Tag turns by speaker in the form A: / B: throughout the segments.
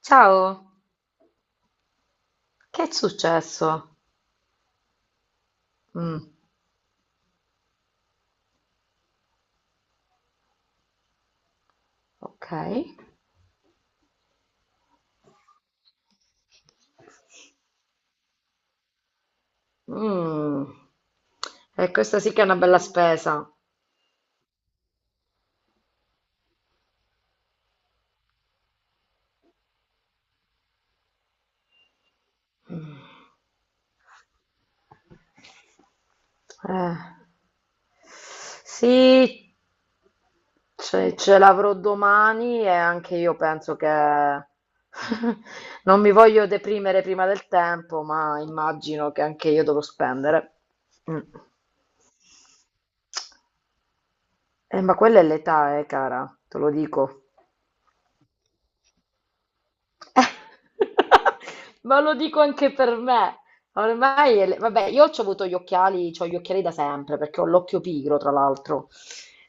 A: Ciao, che è successo? Mm, ok. Mm. E questa sì che è una bella spesa. Mm, eh. Sì, ce l'avrò domani e anche io penso che non mi voglio deprimere prima del tempo, ma immagino che anche io dovrò spendere. Mm. Ma quella è l'età, cara, te lo dico. Ma lo dico anche per me. Ormai, vabbè, io ho avuto gli occhiali, c'ho gli occhiali da sempre perché ho l'occhio pigro, tra l'altro.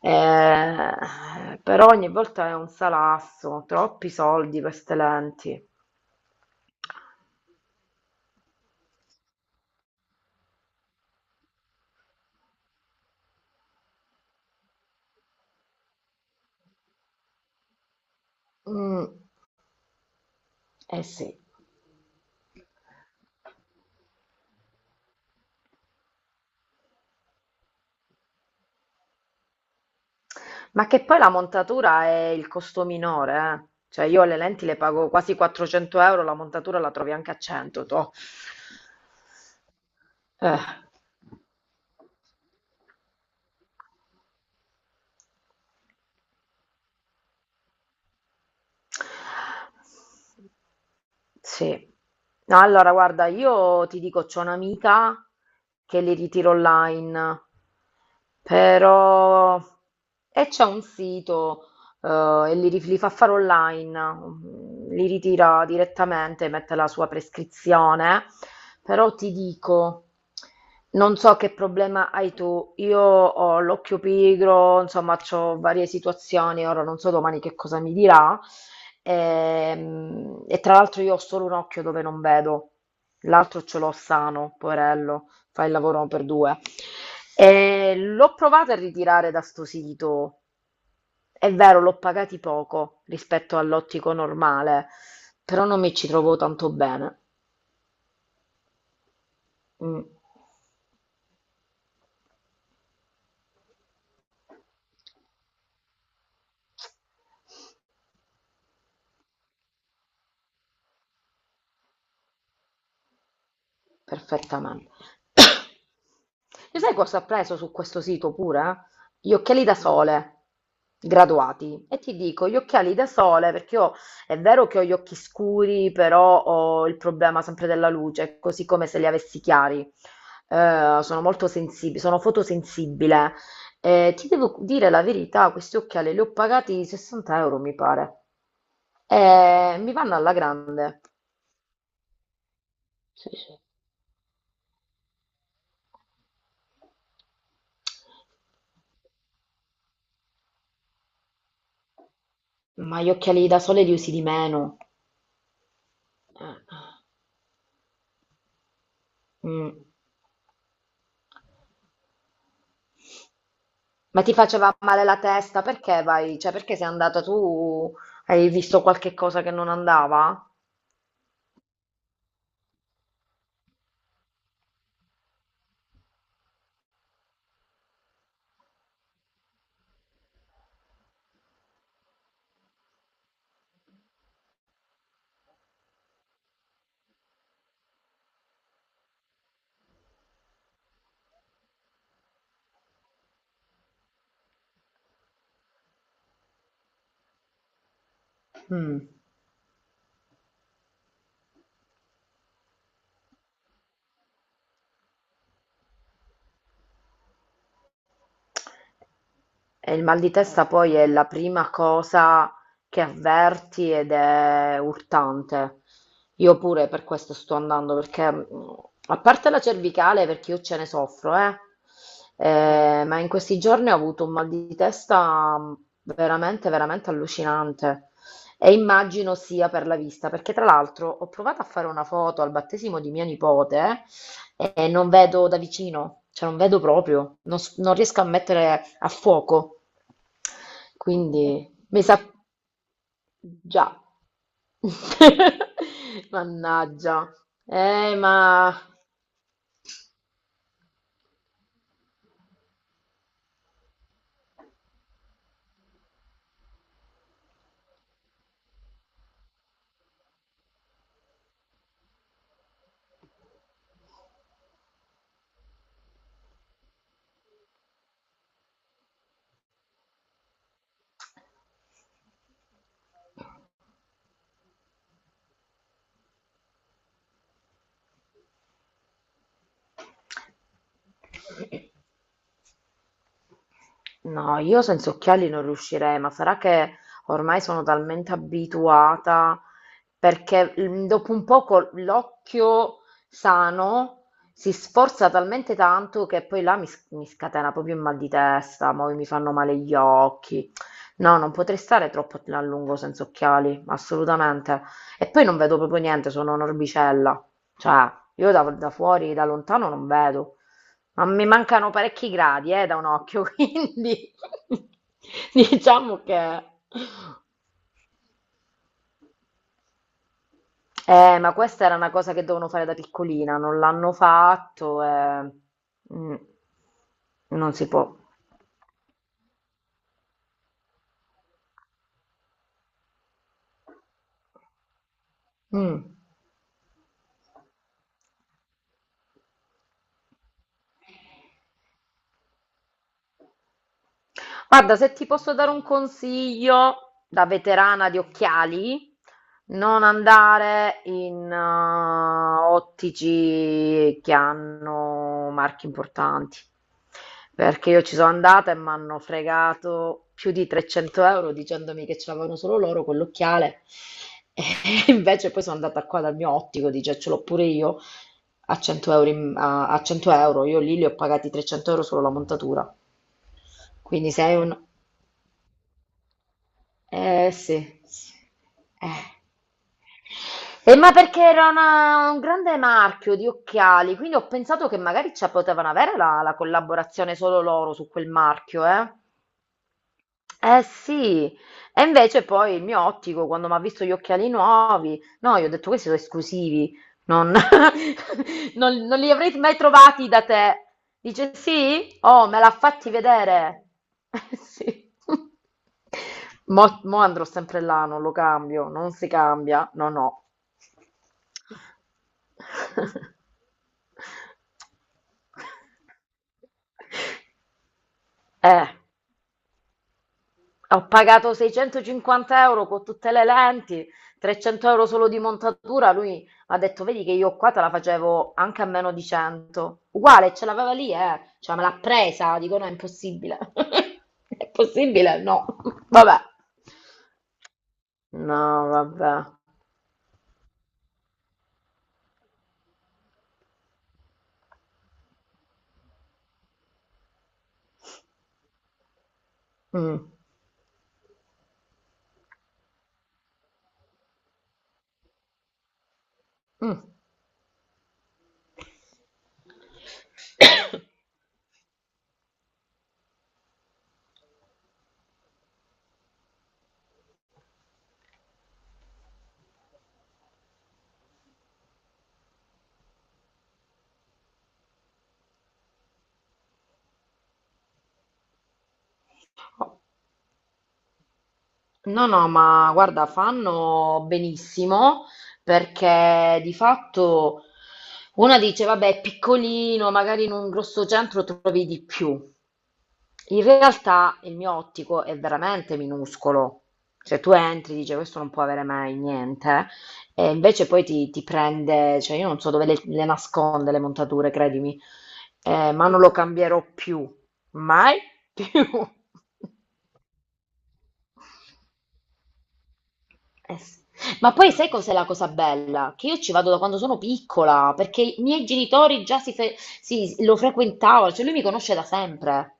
A: Però ogni volta è un salasso, troppi soldi per ste lenti. Mm, eh sì. Ma che poi la montatura è il costo minore, eh. Cioè io le lenti le pago quasi 400 euro, la montatura la trovi anche a 100, toh. Eh. Sì. No, allora guarda, io ti dico, c'ho un'amica che li ritiro online, però... E c'è un sito e li fa fare online, li ritira direttamente, mette la sua prescrizione, però ti dico, non so che problema hai tu, io ho l'occhio pigro, insomma, ho varie situazioni, ora non so domani che cosa mi dirà. E tra l'altro io ho solo un occhio dove non vedo, l'altro ce l'ho sano, poverello, fa il lavoro per due. E l'ho provato a ritirare da sto sito, è vero, l'ho pagati poco rispetto all'ottico normale, però non mi ci trovo tanto bene. Mm. Perfettamente. Lo sai cosa ho preso su questo sito pure? Gli occhiali da sole graduati. E ti dico, gli occhiali da sole, perché io è vero che ho gli occhi scuri, però ho il problema sempre della luce, così come se li avessi chiari. Sono molto sensibile, sono fotosensibile. Ti devo dire la verità, questi occhiali li ho pagati 60 euro, mi pare. Mi vanno alla grande. Sì, sì. Ma gli occhiali da sole li usi di meno. Eh, mm. Ma ti faceva male la testa? Perché vai? Cioè, perché sei andata tu? Hai visto qualche cosa che non andava? Mm. E il mal di testa poi è la prima cosa che avverti ed è urtante. Io pure per questo sto andando, perché a parte la cervicale, perché io ce ne soffro, ma in questi giorni ho avuto un mal di testa veramente, veramente allucinante. E immagino sia per la vista, perché tra l'altro ho provato a fare una foto al battesimo di mia nipote non vedo da vicino, cioè non vedo proprio, non riesco a mettere a fuoco. Quindi mi sa già. Mannaggia. Ma no, io senza occhiali non riuscirei, ma sarà che ormai sono talmente abituata, perché dopo un poco l'occhio sano si sforza talmente tanto che poi là mi scatena proprio il mal di testa, poi mi fanno male gli occhi. No, non potrei stare troppo a lungo senza occhiali, assolutamente. E poi non vedo proprio niente, sono un'orbicella. Cioè, io da fuori, da lontano non vedo. Ma mi mancano parecchi gradi, da un occhio, quindi diciamo che... ma questa era una cosa che dovevano fare da piccolina, non l'hanno fatto, eh. Mm, non si può. Mm. Guarda, se ti posso dare un consiglio da veterana di occhiali, non andare in ottici che hanno marchi importanti, perché io ci sono andata e mi hanno fregato più di 300 euro dicendomi che ce l'avevano solo loro quell'occhiale. E invece poi sono andata qua dal mio ottico, dice ce l'ho pure io, a 100 euro, a 100 euro. Io lì li ho pagati 300 euro solo la montatura. Quindi sei un... Eh sì. Sì. Eh. E ma perché era un grande marchio di occhiali, quindi ho pensato che magari ci potevano avere la collaborazione solo loro su quel marchio, eh? Eh sì, e invece poi il mio ottico, quando mi ha visto gli occhiali nuovi, no, io ho detto questi sono esclusivi, non, non li avrei mai trovati da te. Dice sì? Oh, me l'ha fatti vedere. Sì. Mo andrò sempre là, non lo cambio, non si cambia, no, no. Eh. Ho pagato 650 euro con tutte le lenti, 300 euro solo di montatura. Lui ha detto: Vedi che io qua te la facevo anche a meno di 100. Uguale, ce l'aveva lì, eh. Cioè, me l'ha presa. Dico: No, è impossibile. È possibile? No. Vabbè. No, vabbè. Mm. Mm. Oh, no, no, ma guarda, fanno benissimo perché di fatto una dice, vabbè, è piccolino, magari in un grosso centro trovi di più. In realtà il mio ottico è veramente minuscolo. Cioè tu entri, dice, questo non può avere mai niente, e invece poi ti prende, cioè io non so dove le nasconde le montature, credimi. Ma non lo cambierò più, mai più. Eh sì. Ma poi sai cos'è la cosa bella? Che io ci vado da quando sono piccola, perché i miei genitori già lo frequentavano, cioè lui mi conosce da sempre.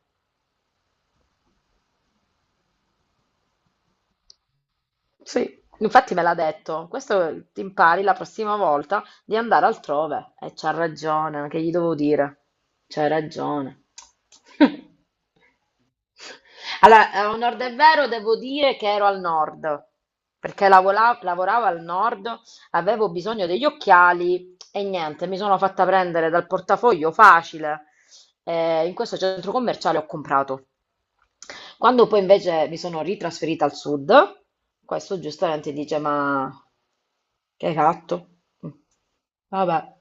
A: Sì, infatti me l'ha detto. Questo ti impari la prossima volta di andare altrove. E c'ha ragione, che gli devo dire? C'hai ragione. Allora, a onor del vero, devo dire che ero al nord, perché lavoravo al nord, avevo bisogno degli occhiali e niente, mi sono fatta prendere dal portafoglio facile. In questo centro commerciale ho comprato. Quando poi invece mi sono ritrasferita al sud, questo giustamente dice: Ma che hai fatto? Mm. Vabbè.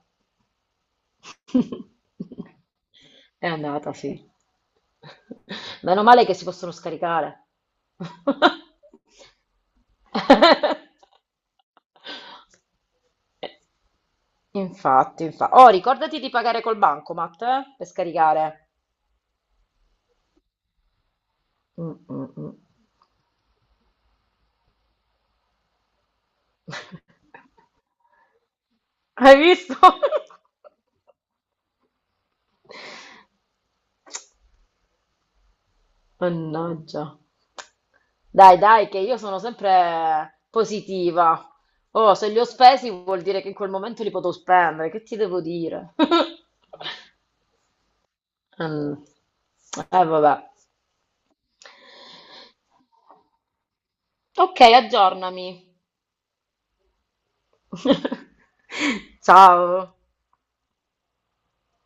A: È andata, sì. Meno male che si possono scaricare. Infatti. Oh, ricordati di pagare col bancomat, per scaricare. Mm, mm, mm. Hai visto? Mannaggia. Dai, dai, che io sono sempre positiva. Oh, se li ho spesi vuol dire che in quel momento li potevo spendere. Che ti devo dire? Mm. Vabbè. Ok, aggiornami. Ciao.